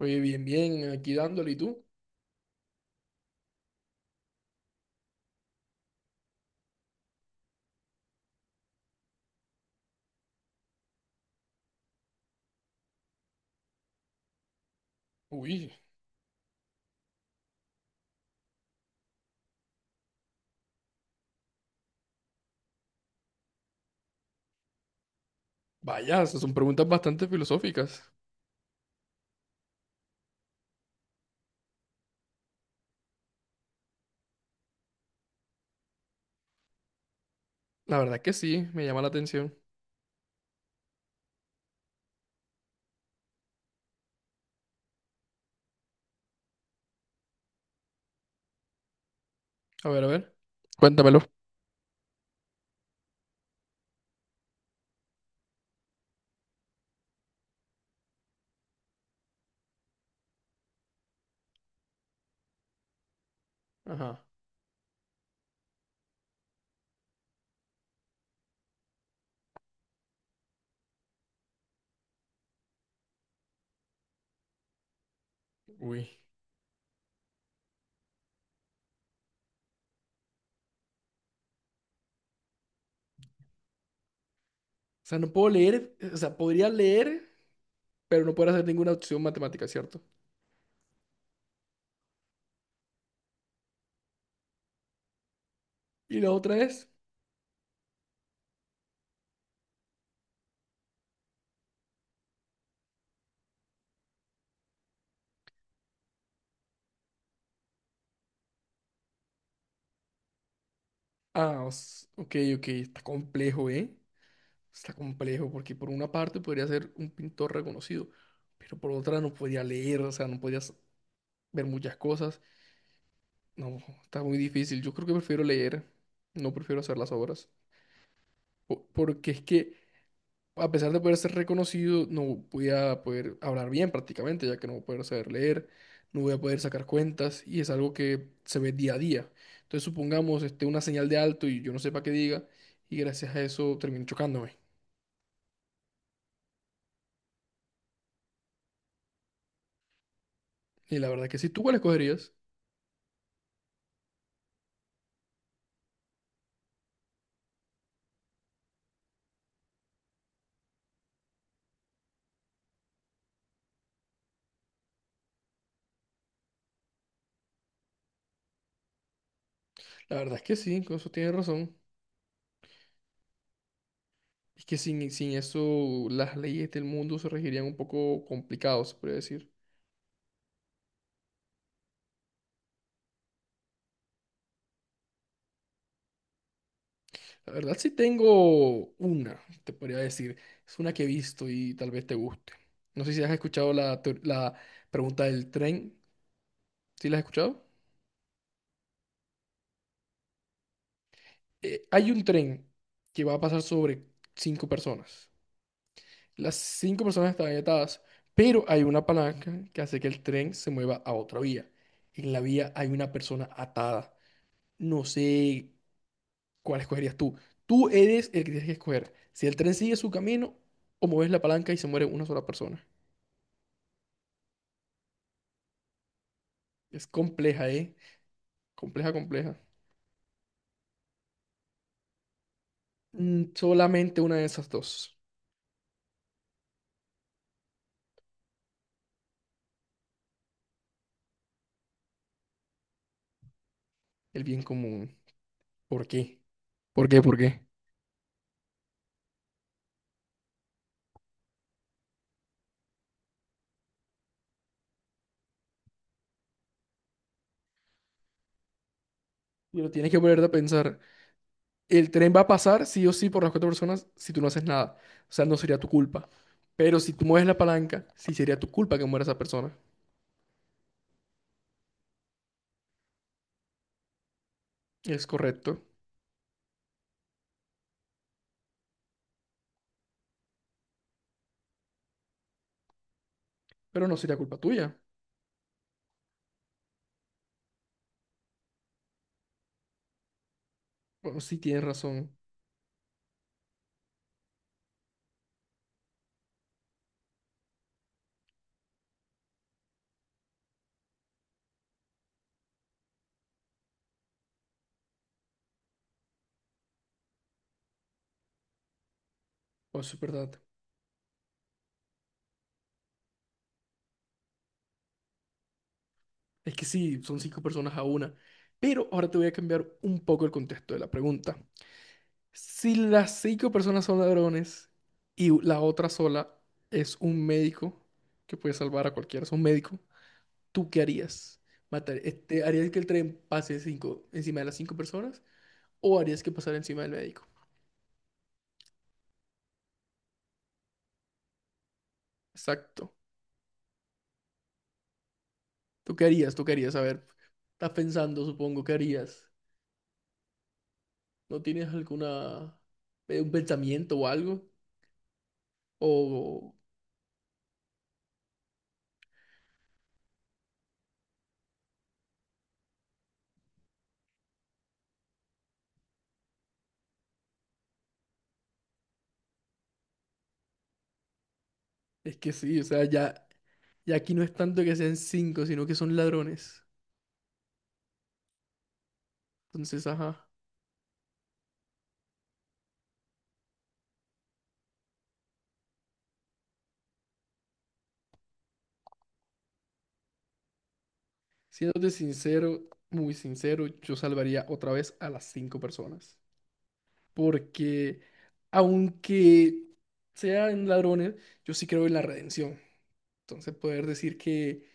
Oye, bien, bien, aquí dándole, ¿y tú? Uy, vaya, esas son preguntas bastante filosóficas. La verdad que sí, me llama la atención. A ver, cuéntamelo. Ajá, uy. O sea, no puedo leer, o sea, podría leer, pero no puedo hacer ninguna opción matemática, ¿cierto? Y la otra es, ah, ok, ok, está complejo, ¿eh? Está complejo, porque por una parte podría ser un pintor reconocido, pero por otra no podría leer, o sea, no podrías ver muchas cosas. No, está muy difícil. Yo creo que prefiero leer. No prefiero hacer las obras. Porque es que, a pesar de poder ser reconocido, no voy a poder hablar bien prácticamente, ya que no voy a poder saber leer, no voy a poder sacar cuentas, y es algo que se ve día a día. Entonces, supongamos, este, una señal de alto y yo no sepa qué diga, y gracias a eso termino chocándome. Y la verdad es que sí, ¿tú cuál escogerías? La verdad es que sí, con eso tienes razón. Es que sin eso, las leyes del mundo se regirían un poco complicados, se podría decir. La verdad sí tengo una, te podría decir. Es una que he visto y tal vez te guste. No sé si has escuchado la pregunta del tren. ¿Sí la has escuchado? Hay un tren que va a pasar sobre cinco personas. Las cinco personas están atadas, pero hay una palanca que hace que el tren se mueva a otra vía. En la vía hay una persona atada. No sé cuál escogerías tú. Tú eres el que tienes que escoger. Si el tren sigue su camino o mueves la palanca y se muere una sola persona. Es compleja, ¿eh? Compleja, compleja. Mm, solamente una de esas dos. El bien común. ¿Por qué? ¿Por qué? ¿Por qué? Y lo tienes que ponerte a pensar. El tren va a pasar sí o sí por las cuatro personas si tú no haces nada. O sea, no sería tu culpa. Pero si tú mueves la palanca, sí sería tu culpa que muera esa persona. Es correcto. Pero no sería culpa tuya. Bueno, sí tienes razón. Bueno, eso es verdad. Es que sí, son cinco personas a una. Pero ahora te voy a cambiar un poco el contexto de la pregunta. Si las cinco personas son ladrones y la otra sola es un médico que puede salvar a cualquiera, es un médico, ¿tú qué harías? ¿Matar, este, harías que el tren pase cinco, encima de las cinco personas o harías que pasara encima del médico? Exacto. ¿Tú qué harías? ¿Tú qué harías? A ver, estás pensando, supongo, ¿qué harías? ¿No tienes alguna, un pensamiento o algo? O es que sí, o sea, ya, ya aquí no es tanto que sean cinco, sino que son ladrones. Entonces, ajá. Siéndote sincero, muy sincero, yo salvaría otra vez a las cinco personas. Porque aunque sean ladrones, yo sí creo en la redención. Entonces poder decir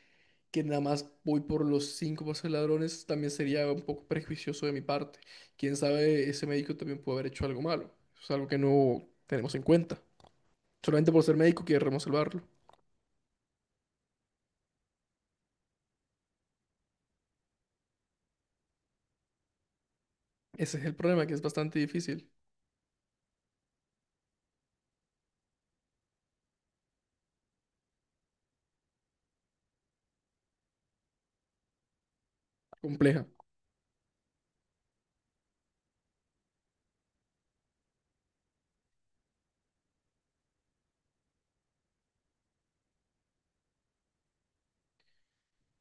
que nada más voy por los cinco por ser ladrones también sería un poco prejuicioso de mi parte. Quién sabe, ese médico también puede haber hecho algo malo. Es algo que no tenemos en cuenta. Solamente por ser médico queremos salvarlo. Ese es el problema, que es bastante difícil, compleja.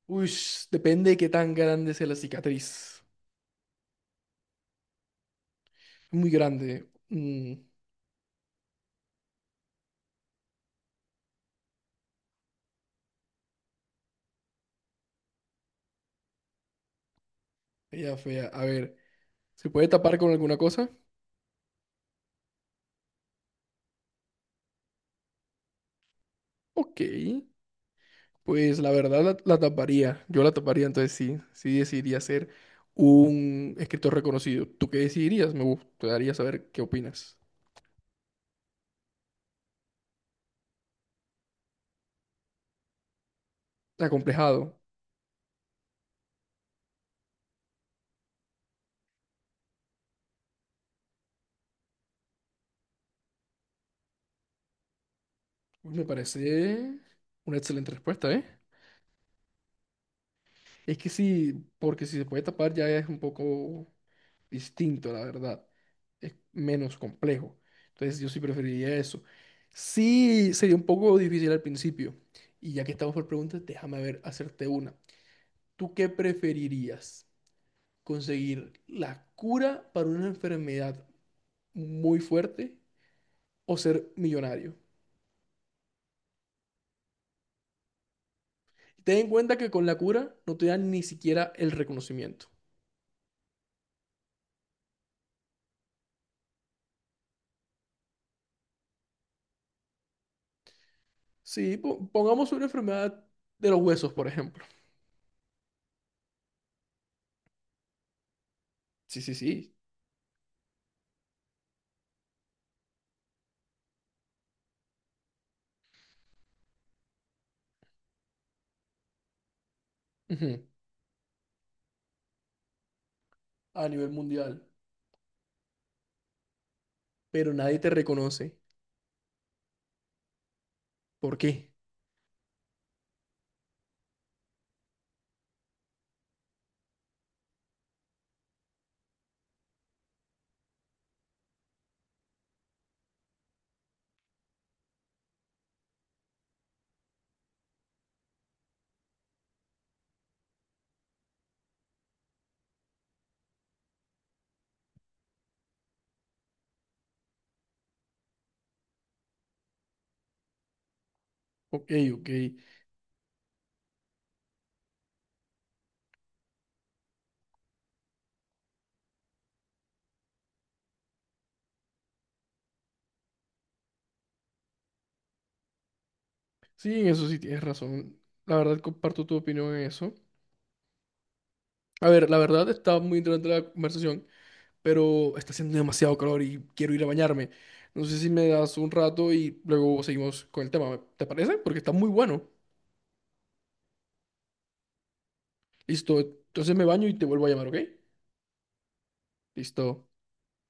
Uy, depende de qué tan grande sea la cicatriz. Muy grande. Mm, ella fea. A ver, ¿se puede tapar con alguna cosa? Ok. Pues la verdad la, la taparía. Yo la taparía, entonces sí. Sí decidiría ser un escritor reconocido. ¿Tú qué decidirías? Me gustaría saber qué opinas. Acomplejado. Uy, me parece una excelente respuesta, ¿eh? Es que sí, porque si se puede tapar ya es un poco distinto, la verdad. Es menos complejo. Entonces yo sí preferiría eso. Sí, sería un poco difícil al principio. Y ya que estamos por preguntas, déjame ver, hacerte una. ¿Tú qué preferirías? ¿Conseguir la cura para una enfermedad muy fuerte o ser millonario? Ten en cuenta que con la cura no te dan ni siquiera el reconocimiento. Sí, pongamos una enfermedad de los huesos, por ejemplo. Sí, sí, sí. Ujú. A nivel mundial. Pero nadie te reconoce. ¿Por qué? Ok, ok. Sí, en eso sí tienes razón. La verdad comparto tu opinión en eso. A ver, la verdad está muy interesante la conversación, pero está haciendo demasiado calor y quiero ir a bañarme. No sé si me das un rato y luego seguimos con el tema. ¿Te parece? Porque está muy bueno. Listo. Entonces me baño y te vuelvo a llamar, ¿ok? Listo.